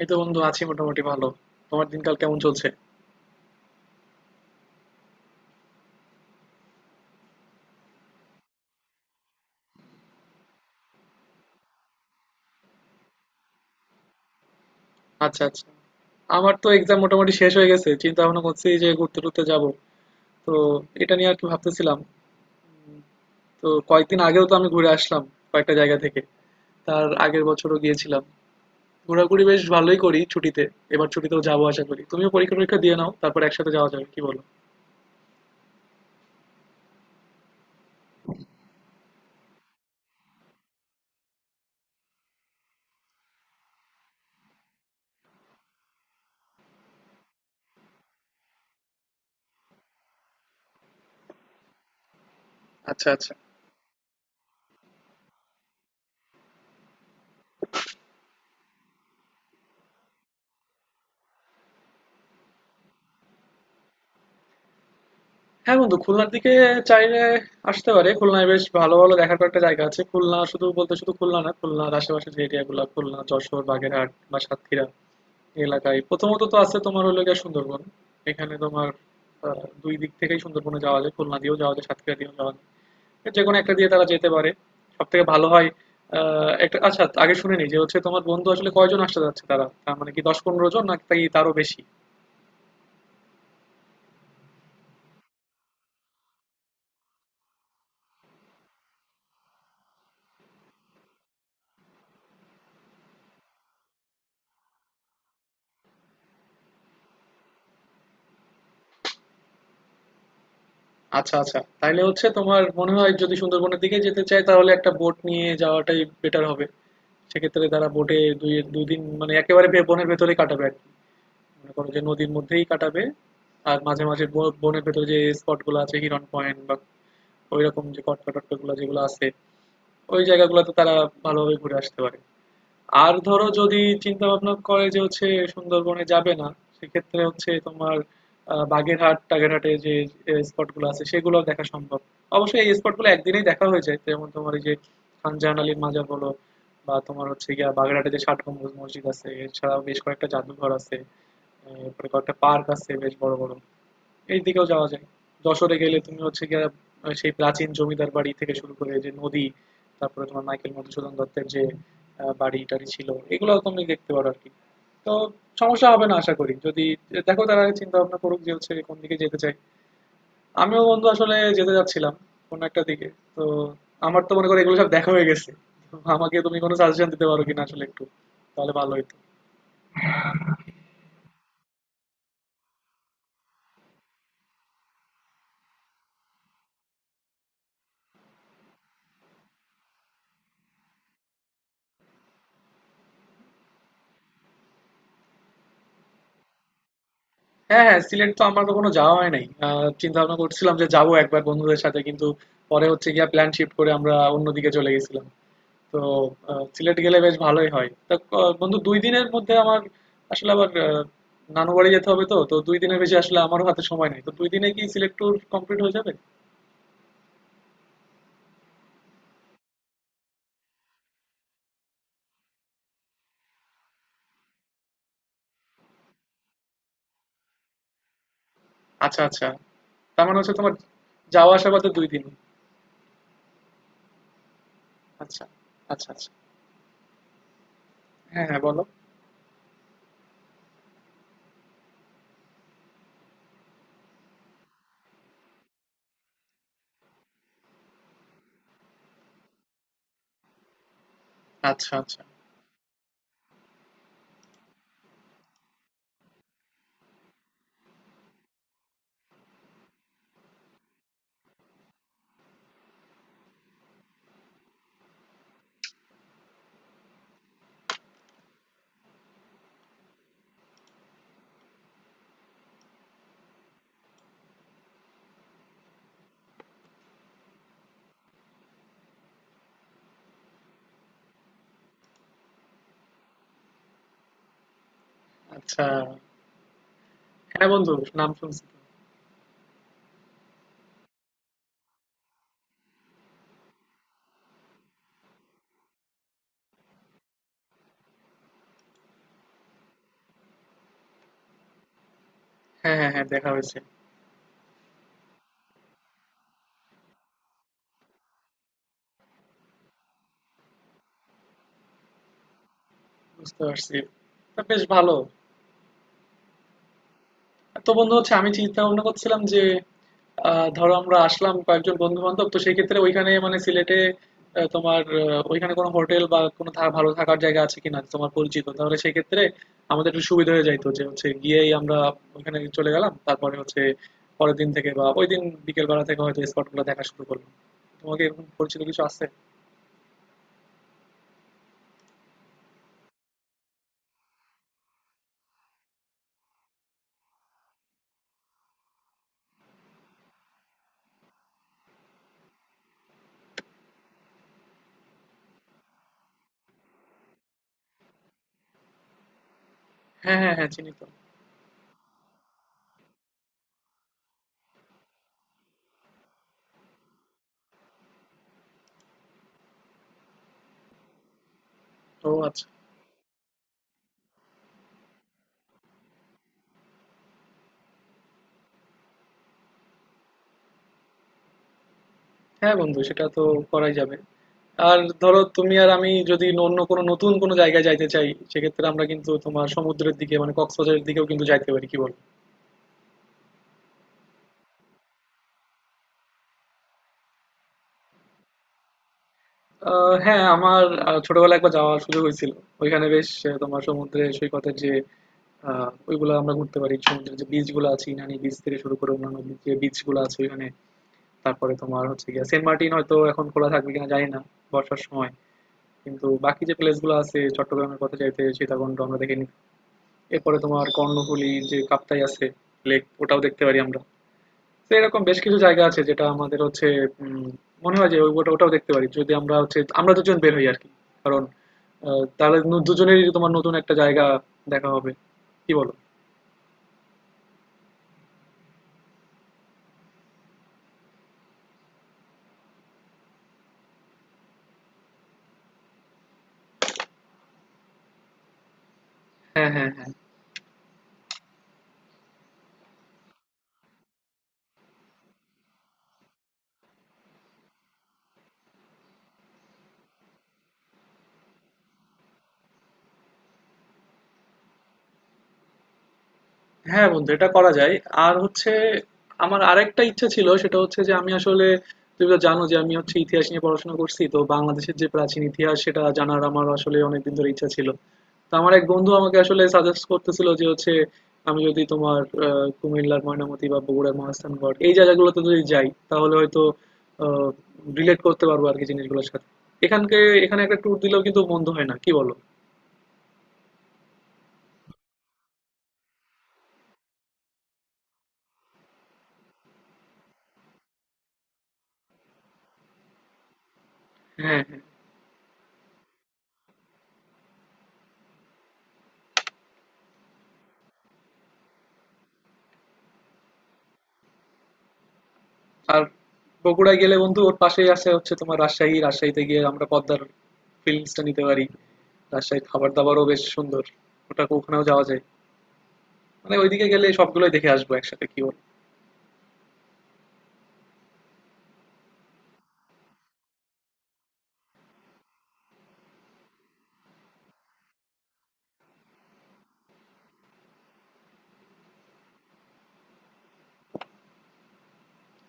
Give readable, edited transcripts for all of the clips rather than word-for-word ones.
এই তো বন্ধু আছি মোটামুটি ভালো। তোমার দিনকাল কেমন চলছে? আচ্ছা আচ্ছা। আমার তো এক্সাম মোটামুটি শেষ হয়ে গেছে, চিন্তা ভাবনা করছি যে ঘুরতে টুরতে যাব। তো এটা নিয়ে আর কি ভাবতেছিলাম। তো কয়েকদিন আগেও তো আমি ঘুরে আসলাম কয়েকটা জায়গা থেকে, তার আগের বছরও গিয়েছিলাম। ঘোরাঘুরি বেশ ভালোই করি ছুটিতে। এবার ছুটিতেও যাবো আশা করি, তুমিও পরীক্ষা টরীক্ষা দিয়ে নাও, তারপর একসাথে যাওয়া যাবে, কি বলো? আচ্ছা আচ্ছা। হ্যাঁ বন্ধু, খুলনার দিকে চাইলে আসতে পারে। খুলনায় বেশ ভালো ভালো দেখার কয়েকটা জায়গা আছে। খুলনা শুধু বলতে, শুধু খুলনা না, খুলনার আশেপাশে যে এরিয়াগুলো — খুলনা, যশোর, বাগেরহাট বা সাতক্ষীরা — এই এলাকায় প্রথমত তো আছে তোমার হলো গিয়ে সুন্দরবন। এখানে তোমার দুই দিক থেকেই সুন্দরবনে যাওয়া যায়, খুলনা দিয়েও যাওয়া যায়, সাতক্ষীরা দিয়েও যাওয়া যায়। যে কোনো একটা দিয়ে তারা যেতে পারে, সব থেকে ভালো হয়। একটা, আচ্ছা আগে শুনে নিই, যে হচ্ছে তোমার বন্ধু আসলে কয়জন আসতে যাচ্ছে? তারা তার মানে কি 10-15 জন নাকি তারও বেশি? আচ্ছা আচ্ছা। তাইলে হচ্ছে তোমার, মনে হয় যদি সুন্দরবনের দিকে যেতে চাই তাহলে একটা বোট নিয়ে যাওয়াটাই বেটার হবে। সেক্ষেত্রে তারা বোটে দুদিন মানে একেবারে বনের ভেতরেই কাটাবে আর কি। মনে করো যে নদীর মধ্যেই কাটাবে। আর মাঝে মাঝে বনের ভেতরে যে স্পট গুলো আছে, হিরন পয়েন্ট বা ওইরকম যে কটকা টটকা গুলো যেগুলো আছে, ওই জায়গাগুলোতে তারা ভালোভাবে ঘুরে আসতে পারে। আর ধরো যদি চিন্তা ভাবনা করে যে হচ্ছে সুন্দরবনে যাবে না, সেক্ষেত্রে হচ্ছে তোমার বাগেরহাট টাগেরহাটে যে স্পটগুলো আছে সেগুলো দেখা সম্ভব। অবশ্যই এই স্পটগুলো একদিনেই দেখা হয়ে যায়। যেমন তোমার এই যে খানজাহান আলীর মাজার বলো বা তোমার হচ্ছে গিয়া বাগেরহাটে যে ষাট গম্বুজ মসজিদ আছে, এছাড়াও বেশ কয়েকটা জাদুঘর আছে। এরপরে কয়েকটা পার্ক আছে বেশ বড় বড়, এই দিকেও যাওয়া যায়। যশোরে গেলে তুমি হচ্ছে গিয়ে সেই প্রাচীন জমিদার বাড়ি থেকে শুরু করে যে নদী, তারপরে তোমার মাইকেল মধুসূদন দত্তের যে বাড়ি টাড়ি ছিল এগুলো তুমি দেখতে পারো আর কি। তো সমস্যা হবে না আশা করি। যদি দেখো তারা চিন্তা ভাবনা করুক যে হচ্ছে কোন দিকে যেতে চাই। আমিও বন্ধু আসলে যেতে যাচ্ছিলাম কোন একটা দিকে, তো আমার তো মনে করো এগুলো সব দেখা হয়ে গেছে। তো আমাকে তুমি কোনো সাজেশন দিতে পারো কিনা আসলে একটু, তাহলে ভালো হতো। হ্যাঁ, হ্যাঁ, সিলেট তো আমার কখনো যাওয়া হয় নাই। চিন্তা ভাবনা করছিলাম যে যাবো একবার বন্ধুদের সাথে, কিন্তু পরে হচ্ছে গিয়া প্ল্যান শিফট করে আমরা অন্যদিকে চলে গেছিলাম। তো সিলেট গেলে বেশ ভালোই হয়। তা বন্ধু, 2 দিনের মধ্যে আমার আসলে আবার নানু বাড়ি যেতে হবে, তো তো 2 দিনের বেশি আসলে আমারও হাতে সময় নাই। তো 2 দিনে কি সিলেট ট্যুর কমপ্লিট হয়ে যাবে? আচ্ছা আচ্ছা। তার মানে হচ্ছে তোমার যাওয়া আসা বাদে 2 দিন। আচ্ছা আচ্ছা আচ্ছা। হ্যাঁ হ্যাঁ, বলো। আচ্ছা আচ্ছা আচ্ছা। হ্যাঁ বন্ধু, নাম শুনছি তো। হ্যাঁ হ্যাঁ হ্যাঁ, দেখা হয়েছে। বুঝতে পারছি। তা বেশ ভালো। তো বন্ধু হচ্ছে আমি চিন্তা ভাবনা করছিলাম যে ধরো আমরা আসলাম কয়েকজন বন্ধু বান্ধব, তো সেই ক্ষেত্রে ওইখানে মানে সিলেটে তোমার ওইখানে কোনো হোটেল বা কোনো ভালো থাকার জায়গা আছে কিনা তোমার পরিচিত, তাহলে সেই ক্ষেত্রে আমাদের একটু সুবিধা হয়ে যাইতো। যে হচ্ছে গিয়েই আমরা ওইখানে চলে গেলাম, তারপরে হচ্ছে পরের দিন থেকে বা ওই দিন বিকেল বেলা থেকে হয়তো স্পট গুলো দেখা শুরু করলাম। তোমাকে এরকম পরিচিত কিছু আছে? হ্যাঁ হ্যাঁ হ্যাঁ, চিনি তো। ও আচ্ছা। হ্যাঁ বন্ধু, সেটা তো করাই যাবে। আর ধরো তুমি আর আমি যদি অন্য কোনো নতুন কোনো জায়গায় যাইতে চাই, সেক্ষেত্রে আমরা কিন্তু তোমার সমুদ্রের দিকে, মানে কক্সবাজারের দিকেও কিন্তু যাইতে পারি, কি বল? হ্যাঁ আমার ছোটবেলায় একবার যাওয়ার সুযোগ হয়েছিল। ওইখানে বেশ তোমার সমুদ্রে সৈকতের যে ওইগুলো আমরা ঘুরতে পারি। সমুদ্রের যে বিচ গুলো আছে, ইনানি বিচ থেকে শুরু করে অন্যান্য যে বিচ গুলো আছে ওইখানে। তারপরে তোমার হচ্ছে গিয়ে সেন্ট মার্টিন, হয়তো এখন খোলা থাকবে কিনা জানি না বর্ষার সময়। কিন্তু বাকি যে প্লেস গুলো আছে চট্টগ্রামের, কথা চাইতে সীতাকুণ্ড আমরা দেখে নিতে। এরপরে তোমার কর্ণফুলী যে কাপ্তাই আছে লেক, ওটাও দেখতে পারি আমরা। তো এরকম বেশ কিছু জায়গা আছে যেটা আমাদের হচ্ছে উম, মনে হয় যে ওটা ওটাও দেখতে পারি যদি আমরা হচ্ছে আমরা দুজন বের হই আর কি। কারণ তাহলে দুজনেরই তোমার নতুন একটা জায়গা দেখা হবে, কি বলো? হ্যাঁ হ্যাঁ হ্যাঁ। হ্যাঁ বন্ধু, এটা করা যায়। আর হচ্ছে আমার আরেকটা ইচ্ছা ছিল, সেটা হচ্ছে যে আমি আসলে — তুমি তো জানো যে আমি হচ্ছে ইতিহাস নিয়ে পড়াশোনা করছি, তো বাংলাদেশের যে প্রাচীন ইতিহাস সেটা জানার আমার আসলে অনেকদিন ধরে ইচ্ছা ছিল। তো আমার এক বন্ধু আমাকে আসলে সাজেস্ট করতেছিল যে হচ্ছে আমি যদি তোমার কুমিল্লার ময়নামতি বা বগুড়ার মহাস্থানগড়, এই জায়গাগুলোতে যদি যাই তাহলে হয়তো রিলেট করতে পারবো আর কি জিনিসগুলোর সাথে। এখানকে এখানে একটা ট্যুর দিলেও কিন্তু মন্দ হয় না, কি বলো? হ্যাঁ হ্যাঁ। আর বগুড়া গেলে বন্ধু ওর পাশেই আছে হচ্ছে তোমার রাজশাহী। রাজশাহীতে গিয়ে আমরা পদ্মার ফিলিংসটা নিতে পারি। রাজশাহীর খাবার দাবারও বেশ সুন্দর। ওটা ওখানেও যাওয়া যায়। মানে ওইদিকে গেলে সবগুলোই দেখে আসবো একসাথে, কি বল?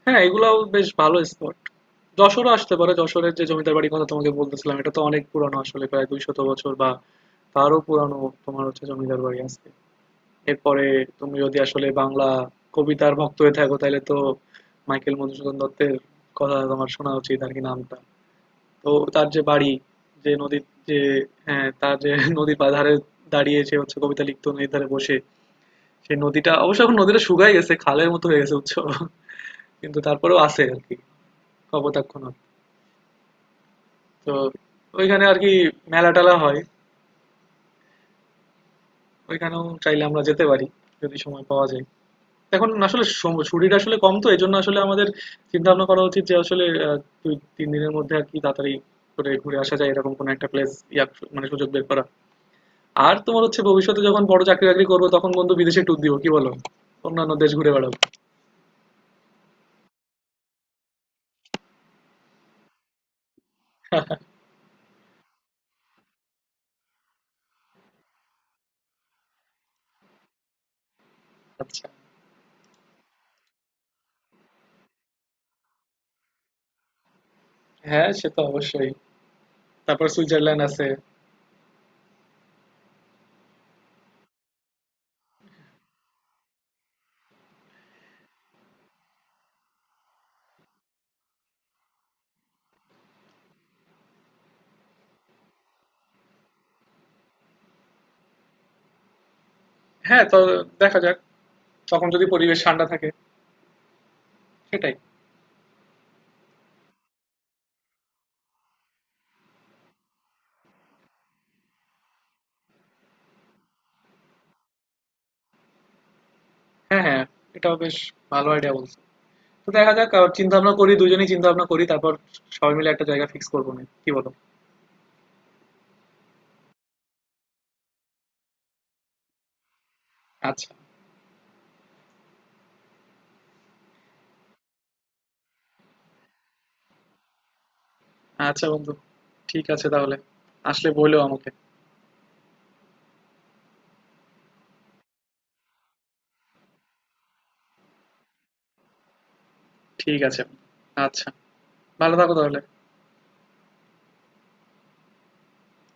হ্যাঁ, এগুলাও বেশ ভালো স্পট। যশোরও আসতে পারো, যশোরের যে জমিদার বাড়ির কথা তোমাকে বলতেছিলাম এটা তো অনেক পুরানো, আসলে প্রায় 200 বছর বা তারও পুরানো। তোমার হচ্ছে জমিদার বাড়ি আছে। এরপরে তুমি যদি আসলে বাংলা কবিতার ভক্ত হয়ে থাকো, তাহলে তো মাইকেল মধুসূদন দত্তের কথা তোমার শোনা উচিত আর কি, নামটা। তো তার যে বাড়ি, যে নদীর যে — হ্যাঁ, তার যে নদীর ধারে দাঁড়িয়ে সে হচ্ছে কবিতা লিখতো, নদীর ধারে বসে। সেই নদীটা অবশ্য এখন, নদীটা শুকায় গেছে, খালের মতো হয়ে গেছে উৎস, কিন্তু তারপরেও আছে আর কি। কপোতাক্ষ নদ। তো ওইখানে আর কি মেলা টেলা হয়। ওইখানেও চাইলে আমরা যেতে পারি যদি সময় পাওয়া যায়। এখন আসলে শরীর আসলে কম, তো এই জন্য আসলে আমাদের চিন্তা ভাবনা করা উচিত যে আসলে 2-3 দিনের মধ্যে আর কি তাড়াতাড়ি করে ঘুরে আসা যায় এরকম কোনো একটা প্লেস। ইয়া মানে সুযোগ বের করা। আর তোমার হচ্ছে ভবিষ্যতে যখন বড় চাকরি বাকরি করবো তখন বন্ধু বিদেশে ট্যুর দিব, কি বলো? অন্যান্য দেশ ঘুরে বেড়াবো। আচ্ছা। হ্যাঁ, সে তো অবশ্যই। তারপর সুইজারল্যান্ড আছে। হ্যাঁ। তো দেখা যাক, তখন যদি পরিবেশ ঠান্ডা থাকে। সেটাই। হ্যাঁ, হ্যাঁ। এটাও বেশ ভালো আইডিয়া বলছো। তো দেখা যাক, চিন্তা ভাবনা করি, দুজনেই চিন্তা ভাবনা করি। তারপর সবাই মিলে একটা জায়গা ফিক্স করবো নে। কি বলো? আচ্ছা, আচ্ছা বন্ধু। ঠিক আছে তাহলে। আসলে বইলো আমাকে। ঠিক আছে। আচ্ছা। ভালো থাকো তাহলে।